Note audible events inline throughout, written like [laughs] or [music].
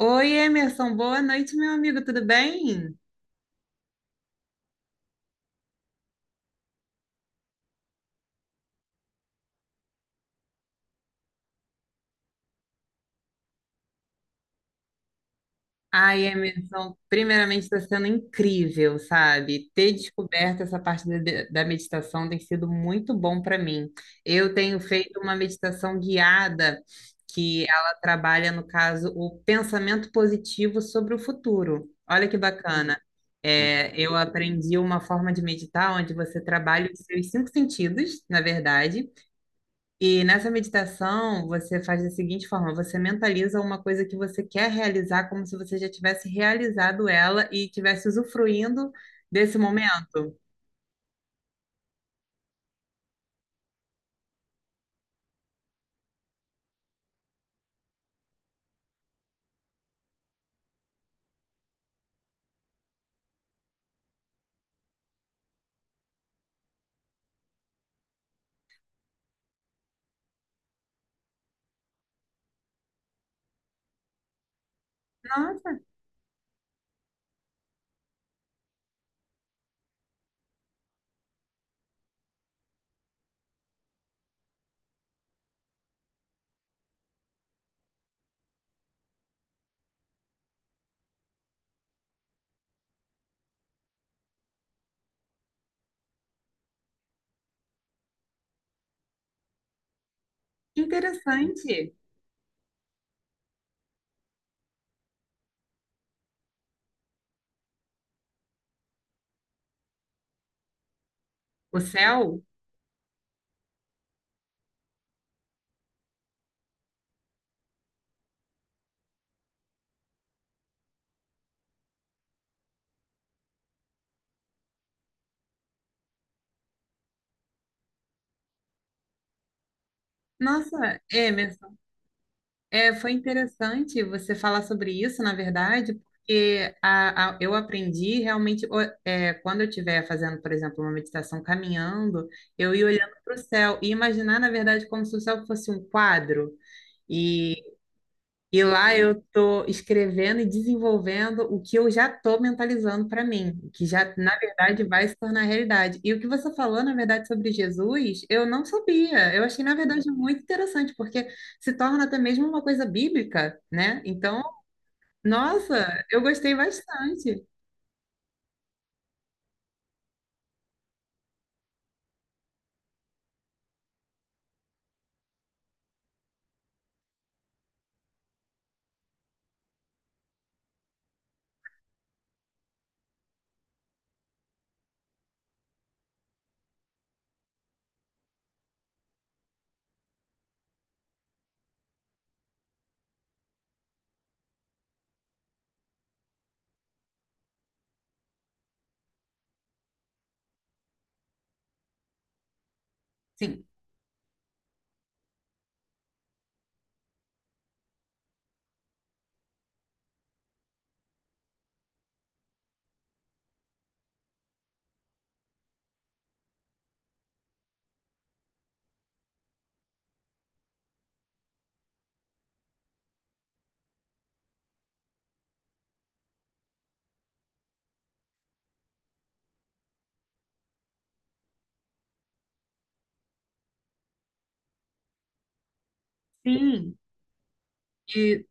Oi, Emerson, boa noite, meu amigo, tudo bem? Ai, Emerson, primeiramente está sendo incrível, sabe? Ter descoberto essa parte da meditação tem sido muito bom para mim. Eu tenho feito uma meditação guiada que ela trabalha, no caso, o pensamento positivo sobre o futuro. Olha que bacana. É, eu aprendi uma forma de meditar onde você trabalha os seus cinco sentidos, na verdade. E nessa meditação, você faz da seguinte forma: você mentaliza uma coisa que você quer realizar, como se você já tivesse realizado ela e tivesse usufruindo desse momento. Nossa, que interessante! O céu? Nossa, Emerson, é, foi interessante você falar sobre isso, na verdade, porque a, eu aprendi realmente, é, quando eu estiver fazendo, por exemplo, uma meditação caminhando, eu ir olhando para o céu e imaginar, na verdade, como se o céu fosse um quadro. E lá eu estou escrevendo e desenvolvendo o que eu já estou mentalizando para mim, o que já, na verdade, vai se tornar realidade. E o que você falou, na verdade, sobre Jesus, eu não sabia. Eu achei, na verdade, muito interessante, porque se torna até mesmo uma coisa bíblica, né? Então, nossa, eu gostei bastante. Sim, sim. E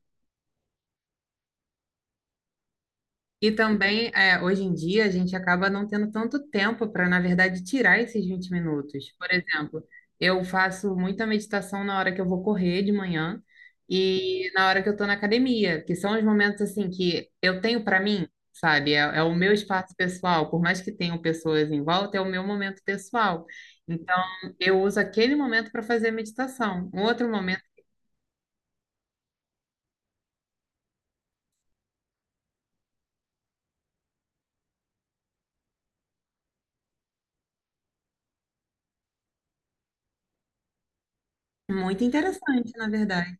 E também, é, hoje em dia, a gente acaba não tendo tanto tempo para, na verdade, tirar esses 20 minutos. Por exemplo, eu faço muita meditação na hora que eu vou correr de manhã e na hora que eu estou na academia, que são os momentos assim que eu tenho para mim, sabe? É, é o meu espaço pessoal, por mais que tenham pessoas em volta, é o meu momento pessoal. Então, eu uso aquele momento para fazer a meditação. Um outro momento muito interessante, na verdade.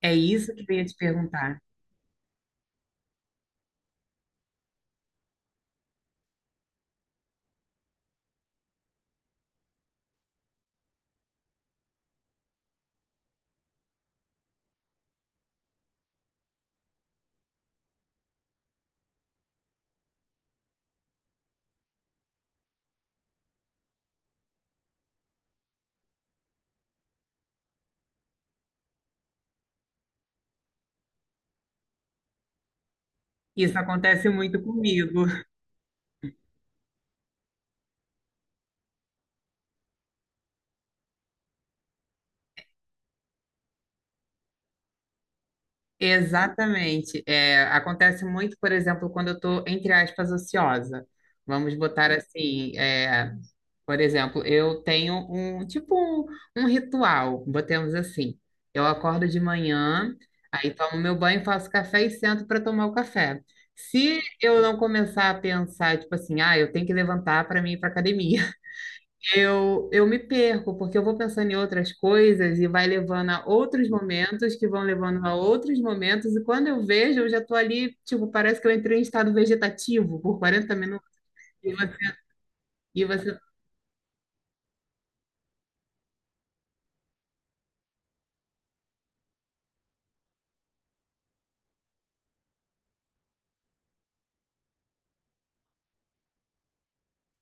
É isso que eu ia te perguntar. Isso acontece muito comigo. Exatamente. É, acontece muito, por exemplo, quando eu estou, entre aspas, ociosa. Vamos botar assim, é, por exemplo, eu tenho um tipo um, um ritual, botemos assim. Eu acordo de manhã, aí tomo meu banho, faço café e sento para tomar o café. Se eu não começar a pensar, tipo assim, ah, eu tenho que levantar para mim ir para academia. Eu me perco, porque eu vou pensando em outras coisas e vai levando a outros momentos, que vão levando a outros momentos, e quando eu vejo, eu já tô ali, tipo, parece que eu entrei em estado vegetativo por 40 minutos, e você, e você,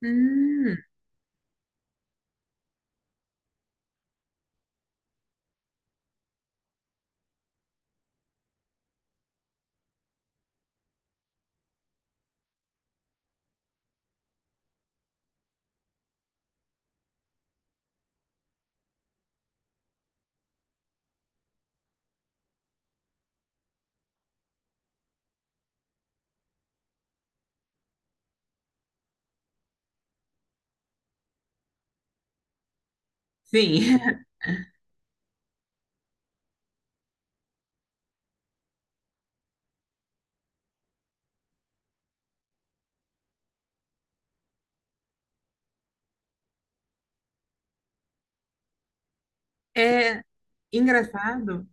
hum, sim, [laughs] é engraçado.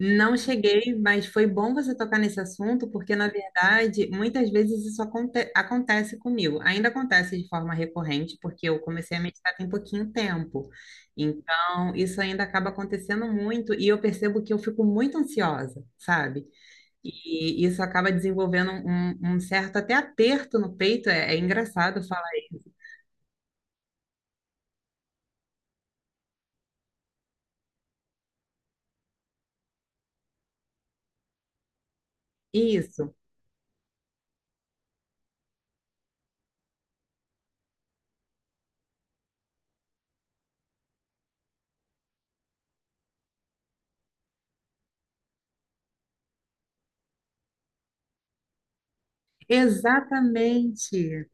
Não cheguei, mas foi bom você tocar nesse assunto, porque, na verdade, muitas vezes isso acontece comigo. Ainda acontece de forma recorrente, porque eu comecei a meditar tem pouquinho tempo. Então, isso ainda acaba acontecendo muito e eu percebo que eu fico muito ansiosa, sabe? E isso acaba desenvolvendo um, um certo até aperto no peito. É, é engraçado falar isso. Isso, exatamente.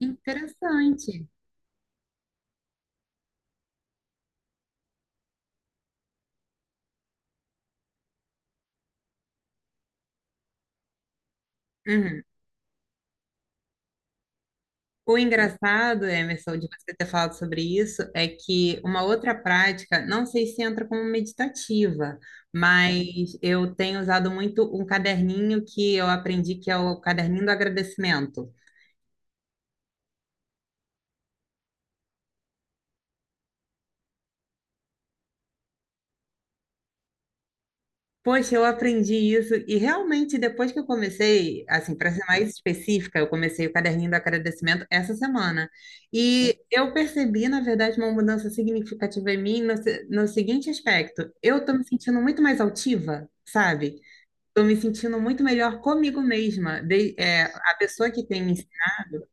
Interessante. Uhum. O engraçado, Emerson, de você ter falado sobre isso, é que uma outra prática, não sei se entra como meditativa, mas eu tenho usado muito um caderninho que eu aprendi, que é o caderninho do agradecimento. Poxa, eu aprendi isso e realmente depois que eu comecei, assim, para ser mais específica, eu comecei o caderninho do agradecimento essa semana. E eu percebi, na verdade, uma mudança significativa em mim no, no seguinte aspecto: eu estou me sentindo muito mais altiva, sabe? Estou me sentindo muito melhor comigo mesma. É, a pessoa que tem me ensinado,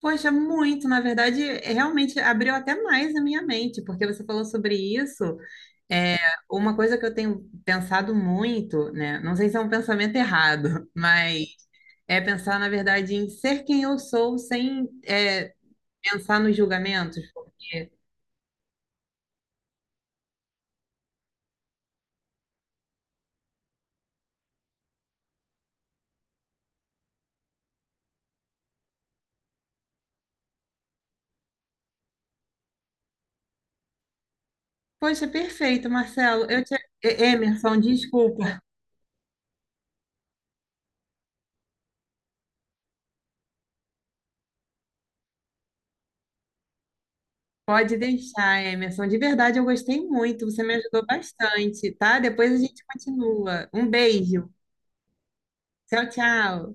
poxa, muito, na verdade, é, realmente abriu até mais a minha mente, porque você falou sobre isso. É, uma coisa que eu tenho pensado muito, né? Não sei se é um pensamento errado, [laughs] mas é pensar, na verdade, em ser quem eu sou sem, é, pensar nos julgamentos, porque, poxa, perfeito, Marcelo. Eu te... Emerson, desculpa. Pode deixar, Emerson. De verdade, eu gostei muito. Você me ajudou bastante, tá? Depois a gente continua. Um beijo. Tchau, tchau.